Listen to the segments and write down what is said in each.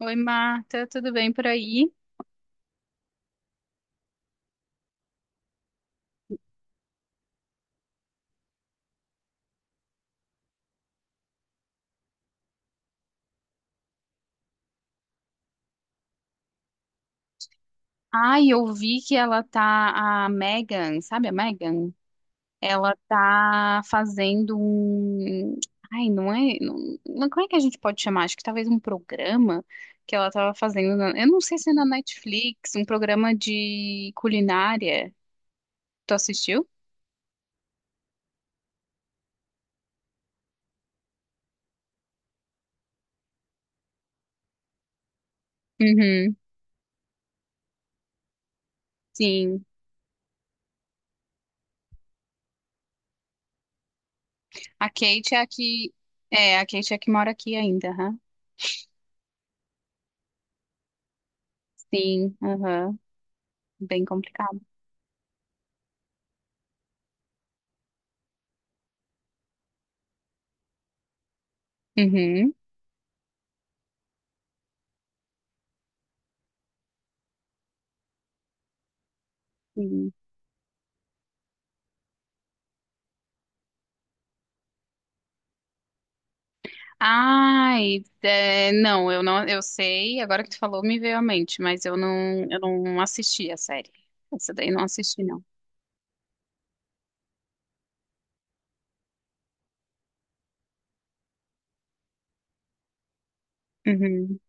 Oi, Marta, tudo bem por aí? Ai, eu vi que ela tá, a Megan, sabe a Megan? Ela tá fazendo um. Ai, não é. Não, como é que a gente pode chamar? Acho que talvez um programa que ela tava fazendo. Eu não sei se é na Netflix, um programa de culinária. Tu assistiu? Uhum, sim. A Kate é a que. É, a Kate é a que mora aqui ainda, aham. Sim, aham. Bem complicado. Uhum. Ai, é, não, eu sei, agora que tu falou me veio à mente, mas eu não assisti a série. Essa daí eu não assisti, não. Uhum,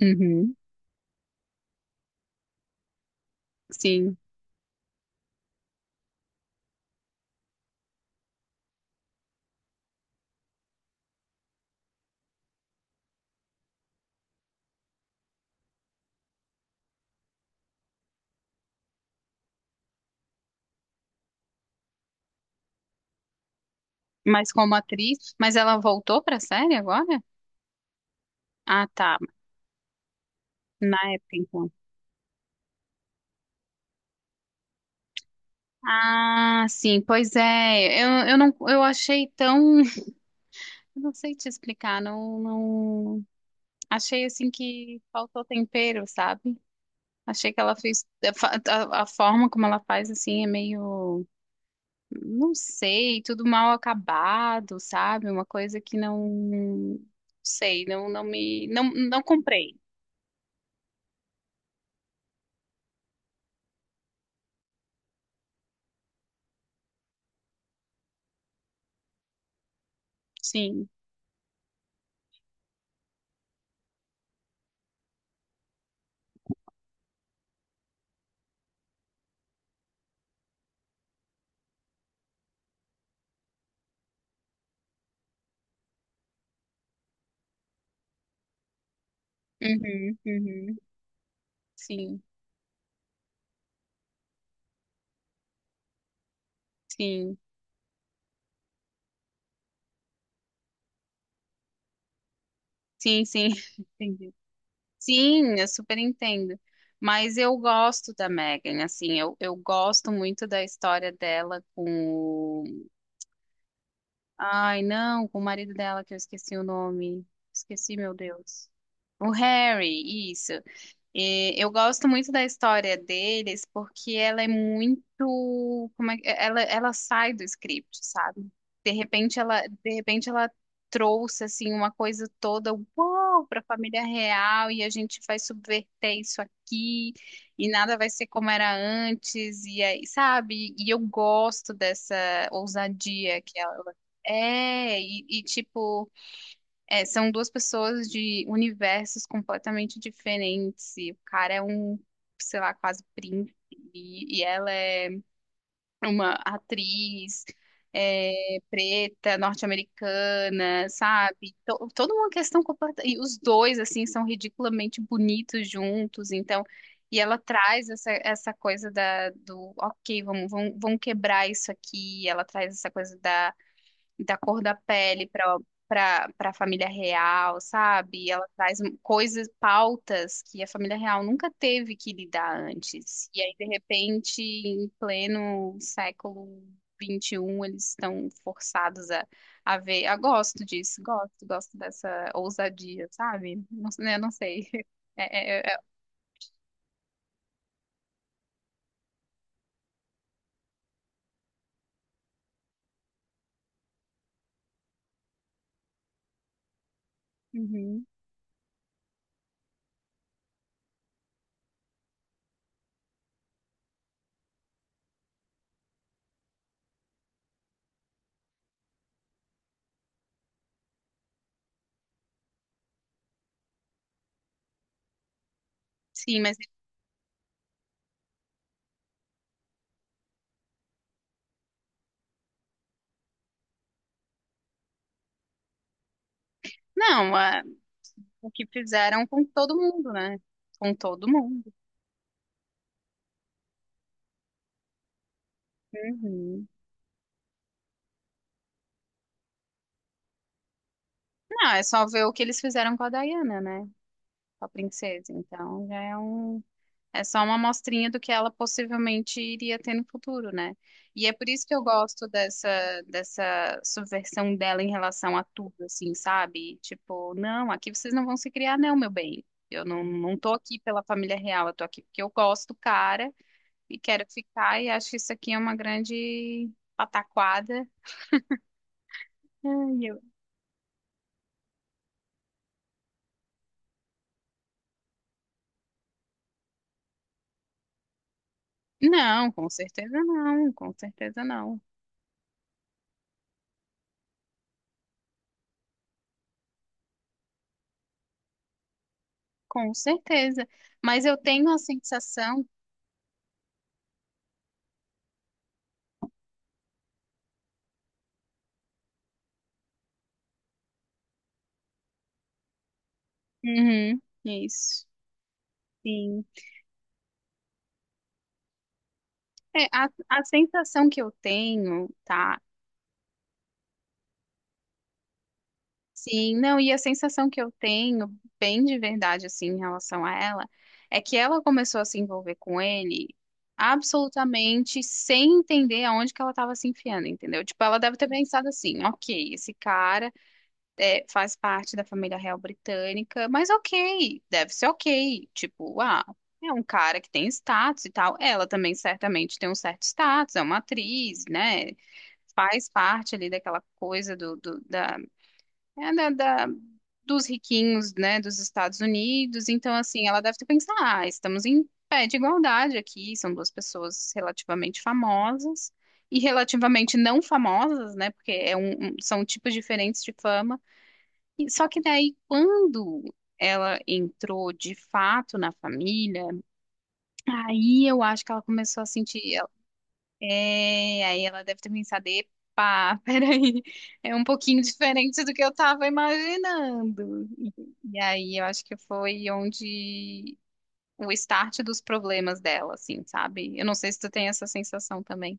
uhum, sim. Mas como atriz, mas ela voltou pra série agora? Ah, tá, na época então. Ah, sim, pois é, eu não, eu achei tão, eu não sei te explicar, não, não, achei assim que faltou tempero, sabe? Achei que ela fez, a, fa- a forma como ela faz assim é meio não sei, tudo mal acabado, sabe? Uma coisa que não sei, não, não me, não, não comprei. Sim. Uhum, uhum. Sim, sim, sim, sim. Entendi. Sim, eu super entendo. Mas eu gosto da Megan, assim, eu gosto muito da história dela com. o- Ai, não, com o marido dela, que eu esqueci o nome. Esqueci, meu Deus. O Harry, isso. E eu gosto muito da história deles porque ela é muito, como é, ela sai do script, sabe? De repente ela trouxe assim uma coisa toda, uau, para a família real e a gente vai subverter isso aqui e nada vai ser como era antes e aí, sabe? E eu gosto dessa ousadia que ela é e, tipo é, são duas pessoas de universos completamente diferentes. E o cara é um, sei lá, quase príncipe. E ela é uma atriz é, preta, norte-americana, sabe? Toda uma questão completa. E os dois, assim, são ridiculamente bonitos juntos. Então, e ela traz essa coisa da, do, ok, vamos, vamos, vamos quebrar isso aqui. Ela traz essa coisa da cor da pele para a família real, sabe? Ela traz coisas, pautas que a família real nunca teve que lidar antes. E aí, de repente, em pleno século 21 eles estão forçados a ver. Ah, gosto disso, gosto dessa ousadia, sabe? Não, eu não sei. É- é- é- Uhum. Sim, mas não, o que fizeram com todo mundo, né? Com todo mundo. Uhum. Não, é só ver o que eles fizeram com a Diana, né? Com a princesa. Então, é só uma amostrinha do que ela possivelmente iria ter no futuro, né? E é por isso que eu gosto dessa subversão dela em relação a tudo, assim, sabe? Tipo, não, aqui vocês não vão se criar, não, meu bem. Eu não tô aqui pela família real, eu tô aqui porque eu gosto do cara e quero ficar e acho que isso aqui é uma grande pataquada. Ai, eu- Não, com certeza não, com certeza não. Com certeza. Mas eu tenho a sensação. Uhum, isso. Sim. É, a sensação que eu tenho, tá? Sim, não, e a sensação que eu tenho, bem de verdade, assim, em relação a ela, é que ela começou a se envolver com ele absolutamente sem entender aonde que ela estava se enfiando, entendeu? Tipo, ela deve ter pensado assim, ok, esse cara. É, faz parte da família real britânica, mas ok, deve ser ok. Tipo, ah, é um cara que tem status e tal. Ela também certamente tem um certo status, é uma atriz, né? Faz parte ali daquela coisa do, do- da, é, da- da- dos riquinhos, né, dos Estados Unidos. Então, assim, ela deve ter pensado, ah, estamos em pé de igualdade aqui, são duas pessoas relativamente famosas. E relativamente não famosas, né? Porque são tipos diferentes de fama. Só que daí, quando ela entrou de fato na família, aí eu acho que ela começou a sentir. É, aí ela deve ter pensado: epa, peraí, é um pouquinho diferente do que eu tava imaginando. E aí eu acho que foi onde o start dos problemas dela, assim, sabe? Eu não sei se tu tem essa sensação também.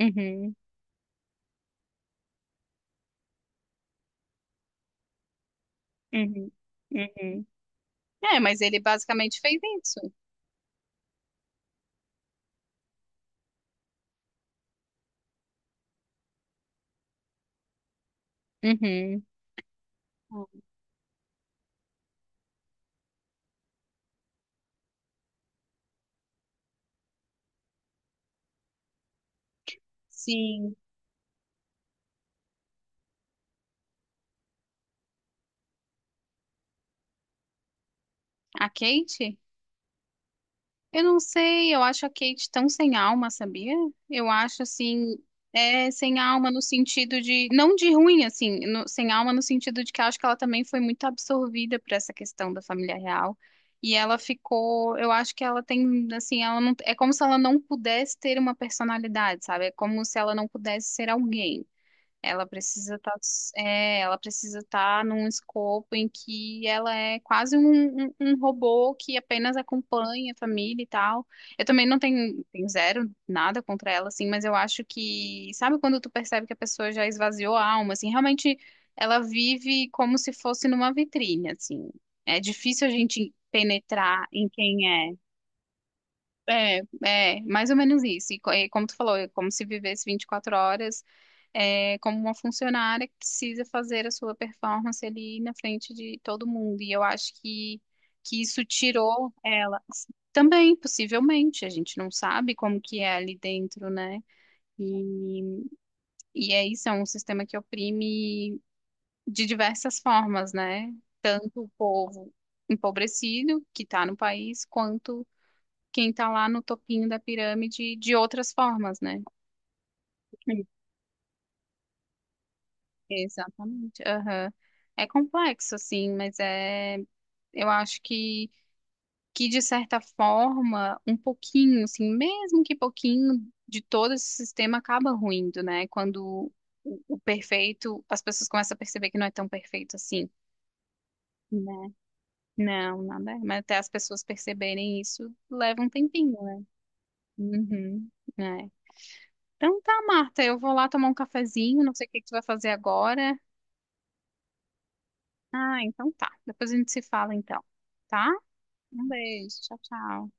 Uhum, uhum, uhum. É, mas ele basicamente fez isso. Uhum. Sim. A Kate? Eu não sei, eu acho a Kate tão sem alma, sabia? Eu acho assim, é sem alma no sentido de, não de ruim, assim, sem alma no sentido de que eu acho que ela também foi muito absorvida por essa questão da família real. E ela ficou, eu acho que ela tem, assim, ela não, é como se ela não pudesse ter uma personalidade, sabe? É como se ela não pudesse ser alguém. Ela precisa estar, ela precisa estar num escopo em que ela é quase um robô que apenas acompanha a família e tal. Eu também não tenho, tenho zero nada contra ela, assim, mas eu acho que, sabe quando tu percebe que a pessoa já esvaziou a alma, assim, realmente ela vive como se fosse numa vitrine, assim. É difícil a gente penetrar em quem é. É, mais ou menos isso. E como tu falou, é como se vivesse 24 horas, é, como uma funcionária que precisa fazer a sua performance ali na frente de todo mundo. E eu acho que isso tirou ela. Também, possivelmente, a gente não sabe como que é ali dentro, né? E, e é isso, é um sistema que oprime de diversas formas, né? Tanto o povo empobrecido que está no país, quanto quem está lá no topinho da pirâmide de outras formas, né? Sim. Exatamente. Aham. É complexo, assim, mas é, eu acho que de certa forma, um pouquinho, assim, mesmo que pouquinho de todo esse sistema acaba ruindo, né? Quando o perfeito, as pessoas começam a perceber que não é tão perfeito assim. Né? Não, nada. É. Mas até as pessoas perceberem isso leva um tempinho, né? Uhum. É. Então tá, Marta, eu vou lá tomar um cafezinho, não sei o que que tu vai fazer agora. Ah, então tá. Depois a gente se fala então, tá? Um beijo, tchau, tchau.